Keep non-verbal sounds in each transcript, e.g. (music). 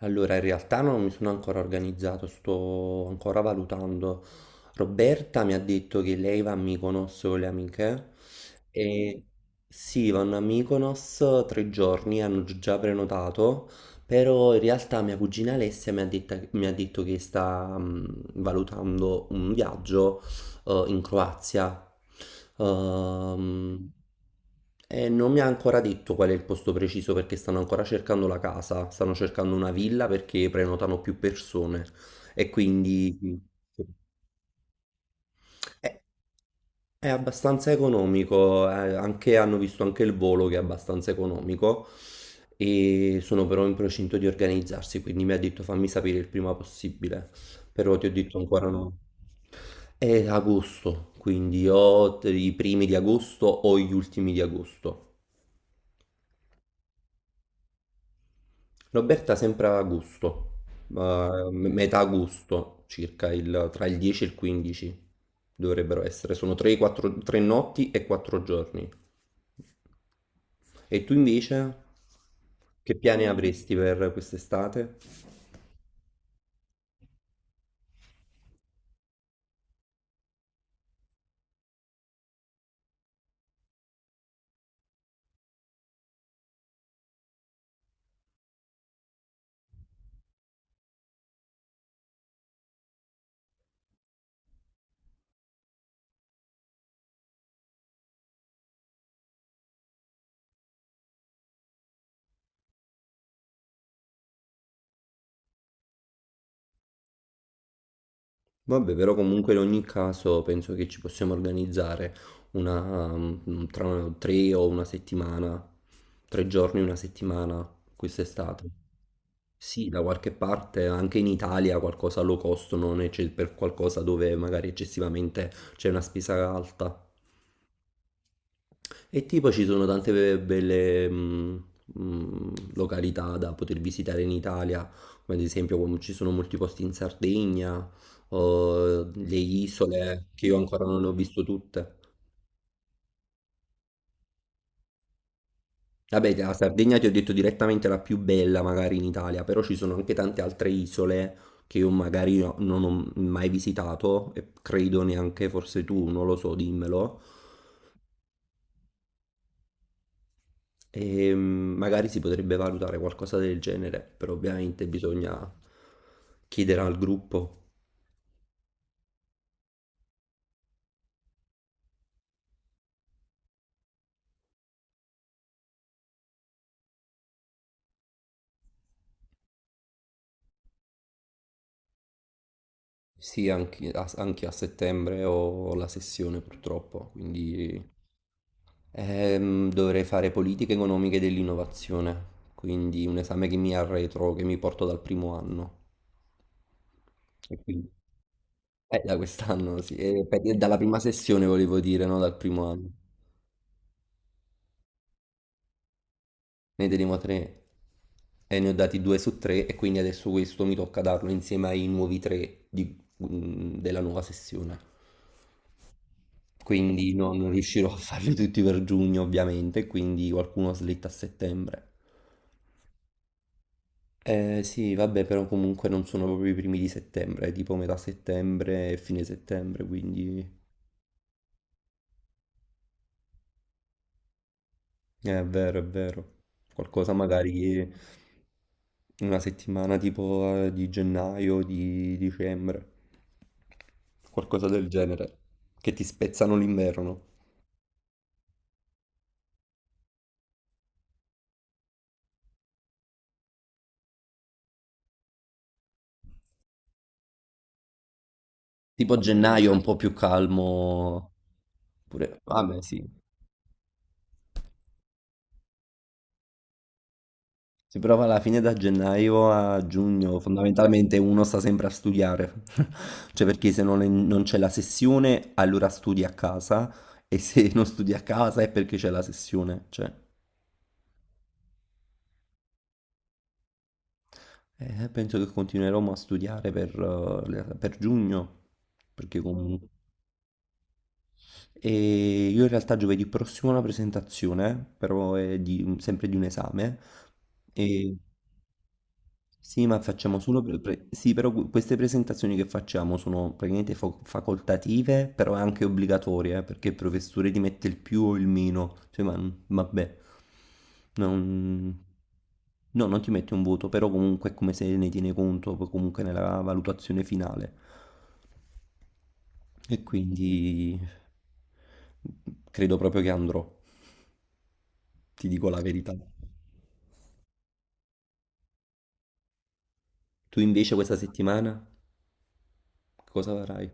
Allora, in realtà non mi sono ancora organizzato, sto ancora valutando. Roberta mi ha detto che lei va a Mykonos con le amiche e sì, vanno a Mykonos tre giorni, hanno già prenotato, però in realtà mia cugina Alessia mi ha detto che sta valutando un viaggio in Croazia. Ehm, e non mi ha ancora detto qual è il posto preciso perché stanno ancora cercando la casa, stanno cercando una villa perché prenotano più persone e quindi sì, sì. È è abbastanza economico, hanno visto anche il volo che è abbastanza economico e sono però in procinto di organizzarsi, quindi mi ha detto fammi sapere il prima possibile, però ti ho detto ancora no. È agosto, quindi i primi di agosto o gli ultimi di agosto. Roberta sempre a agosto, metà agosto, circa tra il 10 e il 15 dovrebbero essere, sono 3, 4, 3 notti e 4 giorni. E tu invece che piani avresti per quest'estate? Vabbè, però comunque in ogni caso penso che ci possiamo organizzare una, um, tra una- tre o una settimana, tre giorni, una settimana quest'estate. Sì, da qualche parte, anche in Italia qualcosa low cost, non ecce- per qualcosa dove magari eccessivamente c'è una spesa alta. E tipo ci sono tante belle località da poter visitare in Italia, come ad esempio come ci sono molti posti in Sardegna, o le isole che io ancora non ho visto tutte. Vabbè, la Sardegna ti ho detto direttamente è la più bella magari in Italia, però ci sono anche tante altre isole che io magari non ho mai visitato e credo neanche forse tu, non lo so, dimmelo. E magari si potrebbe valutare qualcosa del genere, però ovviamente bisogna chiedere al gruppo, sì, anche anche a settembre ho la sessione purtroppo, quindi dovrei fare politiche economiche dell'innovazione, quindi un esame che mi arretro, che mi porto dal primo anno. E quindi- da quest'anno, sì, dalla prima sessione volevo dire, no? Dal primo anno. Ne teniamo tre e ne ho dati due su tre e quindi adesso questo mi tocca darlo insieme ai nuovi tre della nuova sessione. Quindi no, non riuscirò a farli tutti per giugno ovviamente, quindi qualcuno slitta a settembre. Eh sì, vabbè, però comunque non sono proprio i primi di settembre, è tipo metà settembre e fine settembre, quindi È vero, è vero. Qualcosa magari una settimana tipo di gennaio, di dicembre, qualcosa del genere, che ti spezzano l'inverno. Tipo gennaio è un po' più calmo, pure, vabbè sì, si prova alla fine da gennaio a giugno, fondamentalmente uno sta sempre a studiare, (laughs) cioè perché se non, è- non c'è la sessione allora studi a casa e se (laughs) non studi a casa è perché c'è la sessione, cioè penso che continuerò a studiare per, per giugno, perché comunque E io in realtà giovedì prossimo ho una presentazione, però sempre di un esame, e sì, ma facciamo solo sì, però queste presentazioni che facciamo sono praticamente facoltative, però anche obbligatorie, perché il professore ti mette il più o il meno, cioè, ma, vabbè, non no, non ti mette un voto, però comunque è come se ne tiene conto, poi comunque nella valutazione finale. E quindi credo proprio che andrò, ti dico la verità. Tu invece questa settimana cosa farai?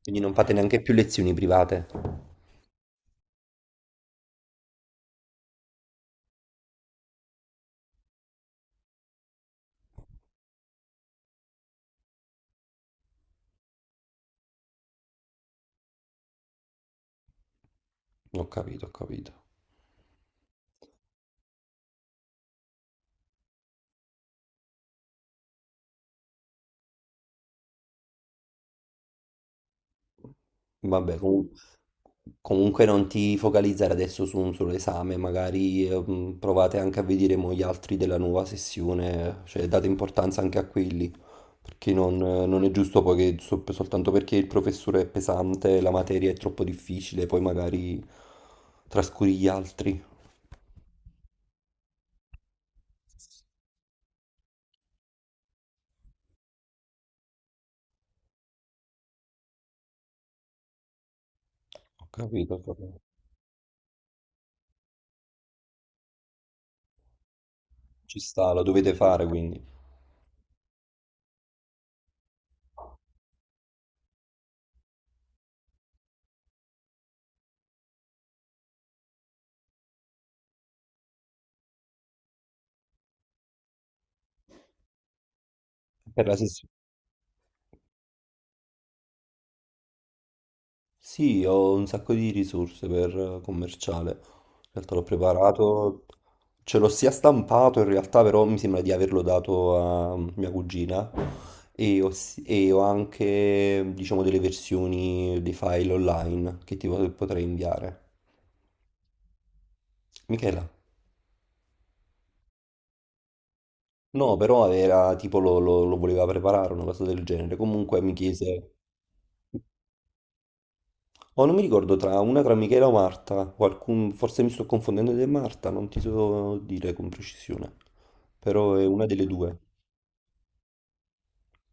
Quindi non fate neanche più lezioni private. Ho capito, ho capito. Vabbè, comu- comunque non ti focalizzare adesso su un solo esame, magari provate anche a vedere mo gli altri della nuova sessione, cioè date importanza anche a quelli, perché non è giusto poi che soltanto perché il professore è pesante, la materia è troppo difficile, poi magari trascuri gli altri. Ho capito, ho capito. Ci sta, lo dovete fare quindi. Per la sessione. Sì, ho un sacco di risorse per commerciale. In realtà l'ho preparato, ce l'ho sia stampato in realtà, però mi sembra di averlo dato a mia cugina e e ho anche, diciamo, delle versioni dei file online che potrei inviare. Michela? No, però era tipo lo voleva preparare, una cosa del genere. Comunque mi chiese. O non mi ricordo tra una tra Michela o Marta, forse mi sto confondendo di Marta, non ti so dire con precisione, però è una delle due.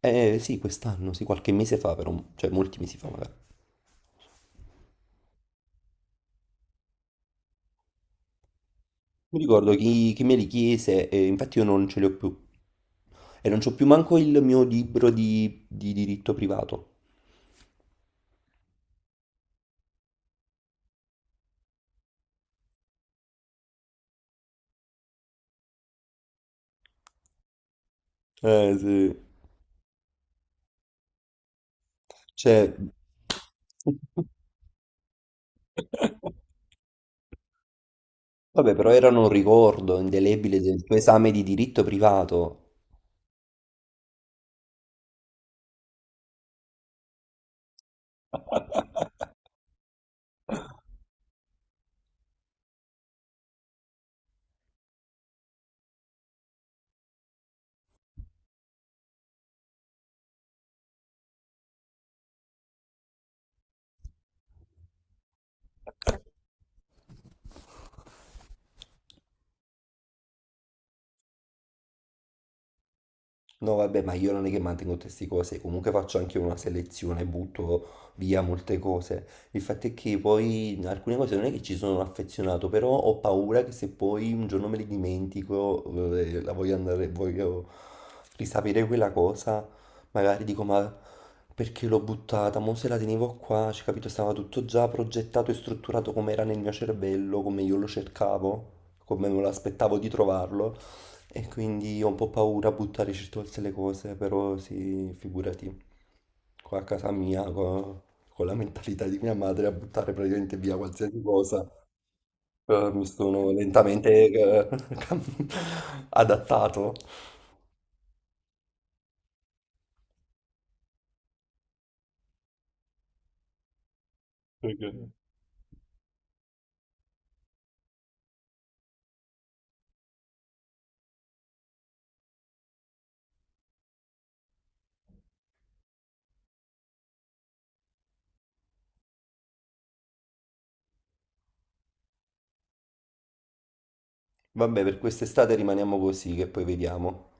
Eh sì, quest'anno, sì, qualche mese fa però, cioè molti mesi fa magari. Mi ricordo chi me li chiese e infatti io non ce li ho più. E non c'ho più manco il mio libro di diritto privato. Eh sì, cioè (laughs) Vabbè, però erano un ricordo indelebile del tuo esame di diritto privato. No, vabbè, ma io non è che mantengo tutte queste cose, comunque faccio anche una selezione, butto via molte cose. Il fatto è che poi alcune cose non è che ci sono affezionato, però ho paura che se poi un giorno me le dimentico, la voglio andare, voglio risapere quella cosa, magari dico ma perché l'ho buttata, mo se la tenevo qua, cioè, capito, stava tutto già progettato e strutturato come era nel mio cervello, come io lo cercavo, come me lo aspettavo di trovarlo. E quindi ho un po' paura a buttare certe volte le cose, però sì, figurati, qua a casa mia, con la mentalità di mia madre, a buttare praticamente via qualsiasi cosa, mi sono lentamente (laughs) adattato. Ok. Vabbè, per quest'estate rimaniamo così, che poi vediamo.